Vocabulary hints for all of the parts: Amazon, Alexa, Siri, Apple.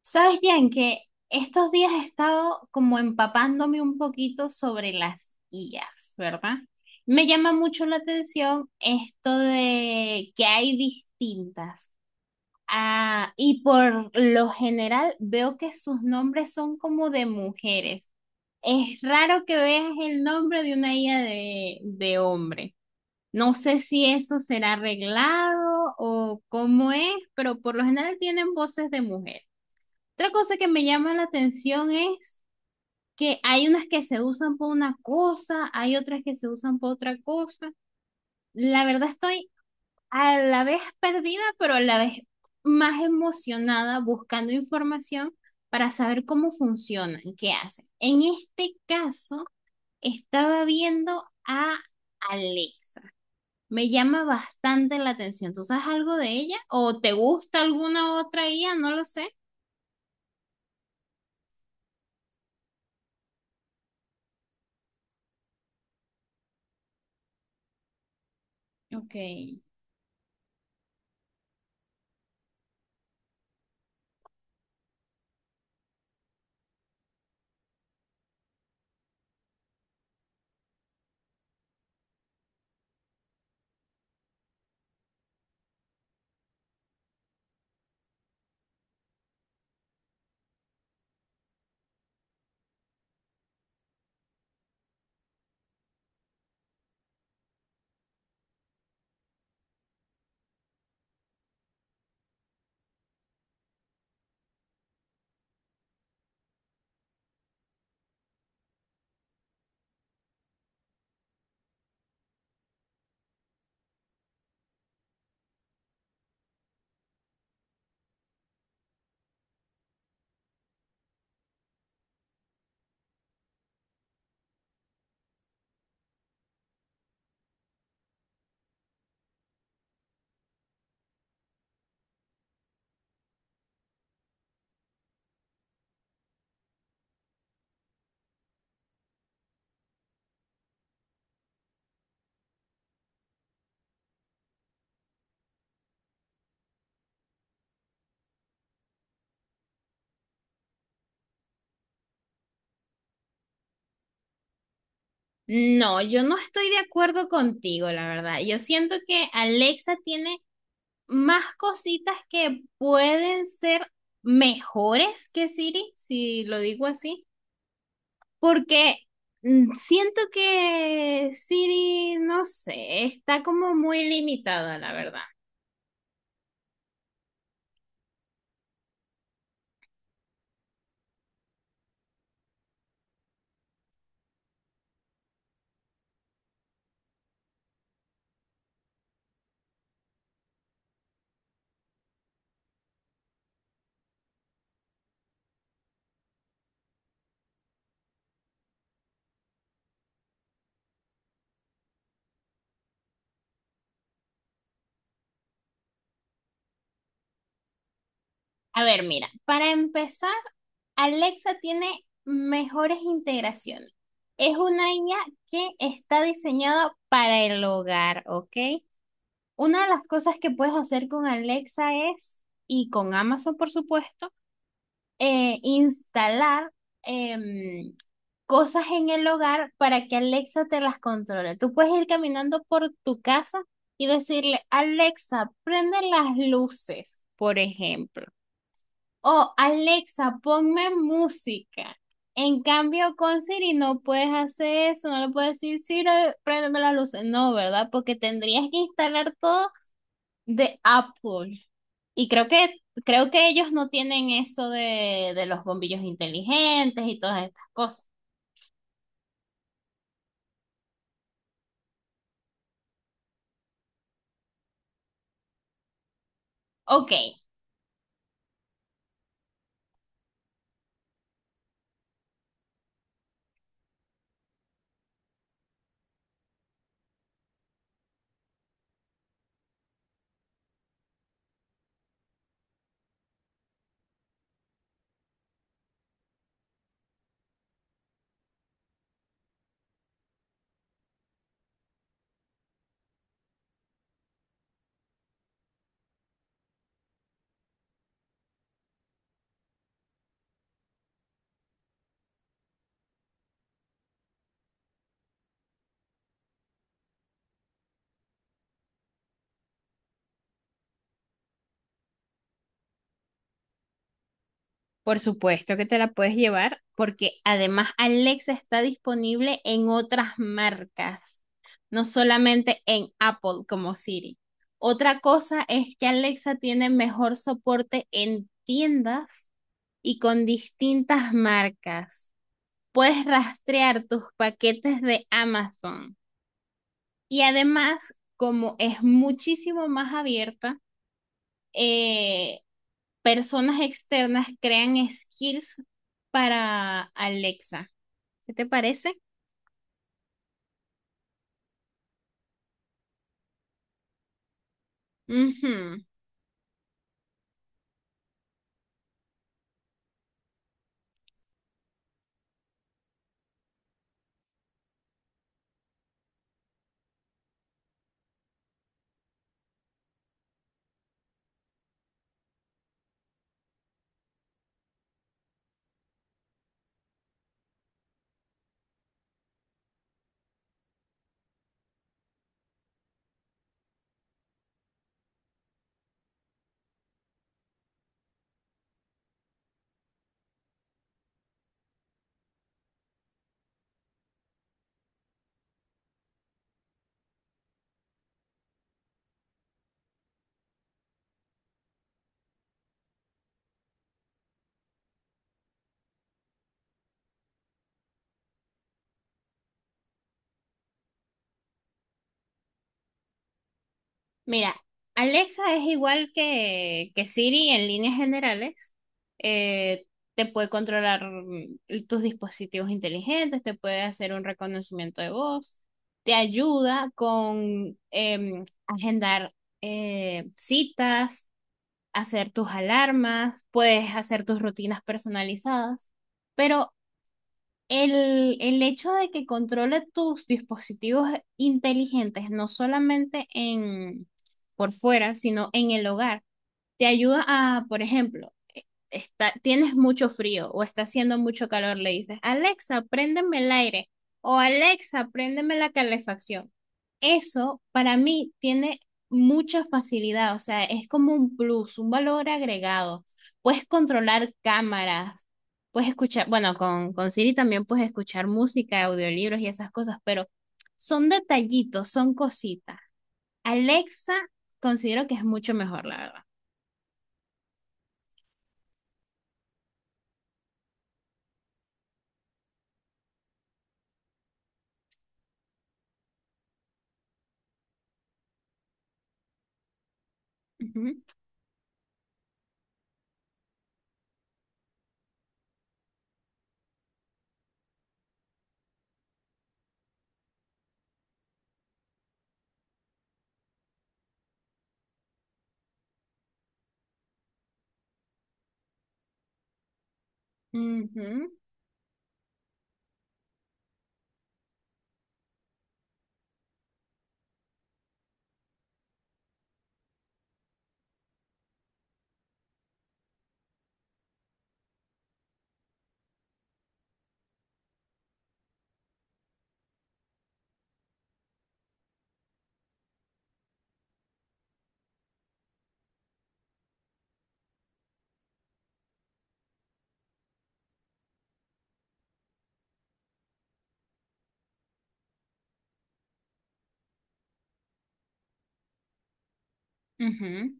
¿Sabes, Jan, que estos días he estado como empapándome un poquito sobre las IAs, verdad? Me llama mucho la atención esto de que hay distintas. Ah, y por lo general veo que sus nombres son como de mujeres. Es raro que veas el nombre de una IA de hombre. No sé si eso será arreglado o cómo es, pero por lo general tienen voces de mujeres. Otra cosa que me llama la atención es que hay unas que se usan por una cosa, hay otras que se usan por otra cosa. La verdad estoy a la vez perdida, pero a la vez más emocionada buscando información para saber cómo funcionan, qué hacen. En este caso, estaba viendo a Alexa. Me llama bastante la atención. ¿Tú sabes algo de ella? ¿O te gusta alguna otra IA? No lo sé. Ok. No, yo no estoy de acuerdo contigo, la verdad. Yo siento que Alexa tiene más cositas que pueden ser mejores que Siri, si lo digo así, porque siento que Siri, no sé, está como muy limitada, la verdad. A ver, mira, para empezar, Alexa tiene mejores integraciones. Es una IA que está diseñada para el hogar, ¿ok? Una de las cosas que puedes hacer con Alexa es, y con Amazon por supuesto, instalar em, cosas en el hogar para que Alexa te las controle. Tú puedes ir caminando por tu casa y decirle, Alexa, prende las luces, por ejemplo. O Alexa, ponme música. En cambio, con Siri no puedes hacer eso, no le puedes decir, Siri, prende las luces. No, ¿verdad? Porque tendrías que instalar todo de Apple. Y creo que ellos no tienen eso de los bombillos inteligentes y todas estas cosas. Ok, por supuesto que te la puedes llevar porque además Alexa está disponible en otras marcas, no solamente en Apple como Siri. Otra cosa es que Alexa tiene mejor soporte en tiendas y con distintas marcas. Puedes rastrear tus paquetes de Amazon. Y además, como es muchísimo más abierta, eh, personas externas crean skills para Alexa. ¿Qué te parece? Ujú. Mira, Alexa es igual que Siri en líneas generales. Eh, Te puede controlar tus dispositivos inteligentes, te puede hacer un reconocimiento de voz, te ayuda con agendar citas, hacer tus alarmas, puedes hacer tus rutinas personalizadas, pero el hecho de que controle tus dispositivos inteligentes, no solamente en, por fuera, sino en el hogar, te ayuda a, por ejemplo, e, está, tienes mucho frío o está haciendo mucho calor, le dices, Alexa, préndeme el aire o Alexa, préndeme la calefacción. Eso para mí tiene mucha facilidad, o sea, es como un plus, un valor agregado. Puedes controlar cámaras, puedes escuchar, bueno, con Siri también puedes escuchar música, audiolibros y esas cosas, pero son detallitos, son cositas. Alexa considero que es mucho mejor, la verdad. Ujú. Ujú, ujú.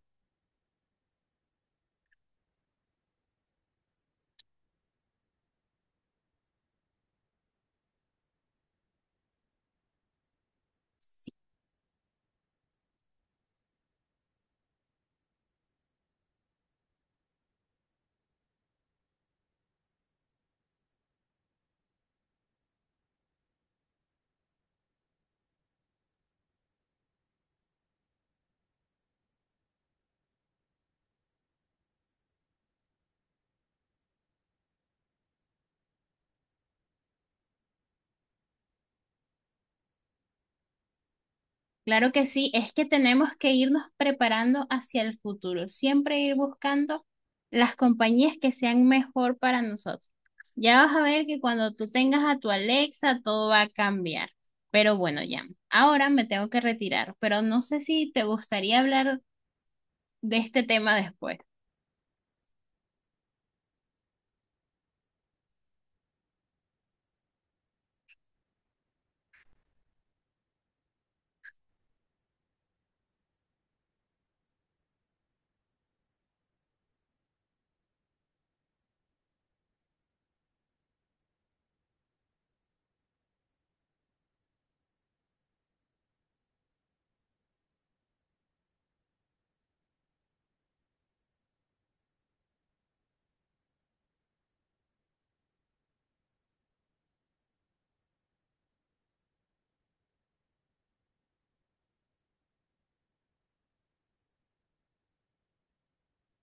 Claro que sí, es que tenemos que irnos preparando hacia el futuro, siempre ir buscando las compañías que sean mejor para nosotros. Ya vas a ver que cuando tú tengas a tu Alexa, todo va a cambiar. Pero bueno, ya, ahora me tengo que retirar, pero no sé si te gustaría hablar de este tema después.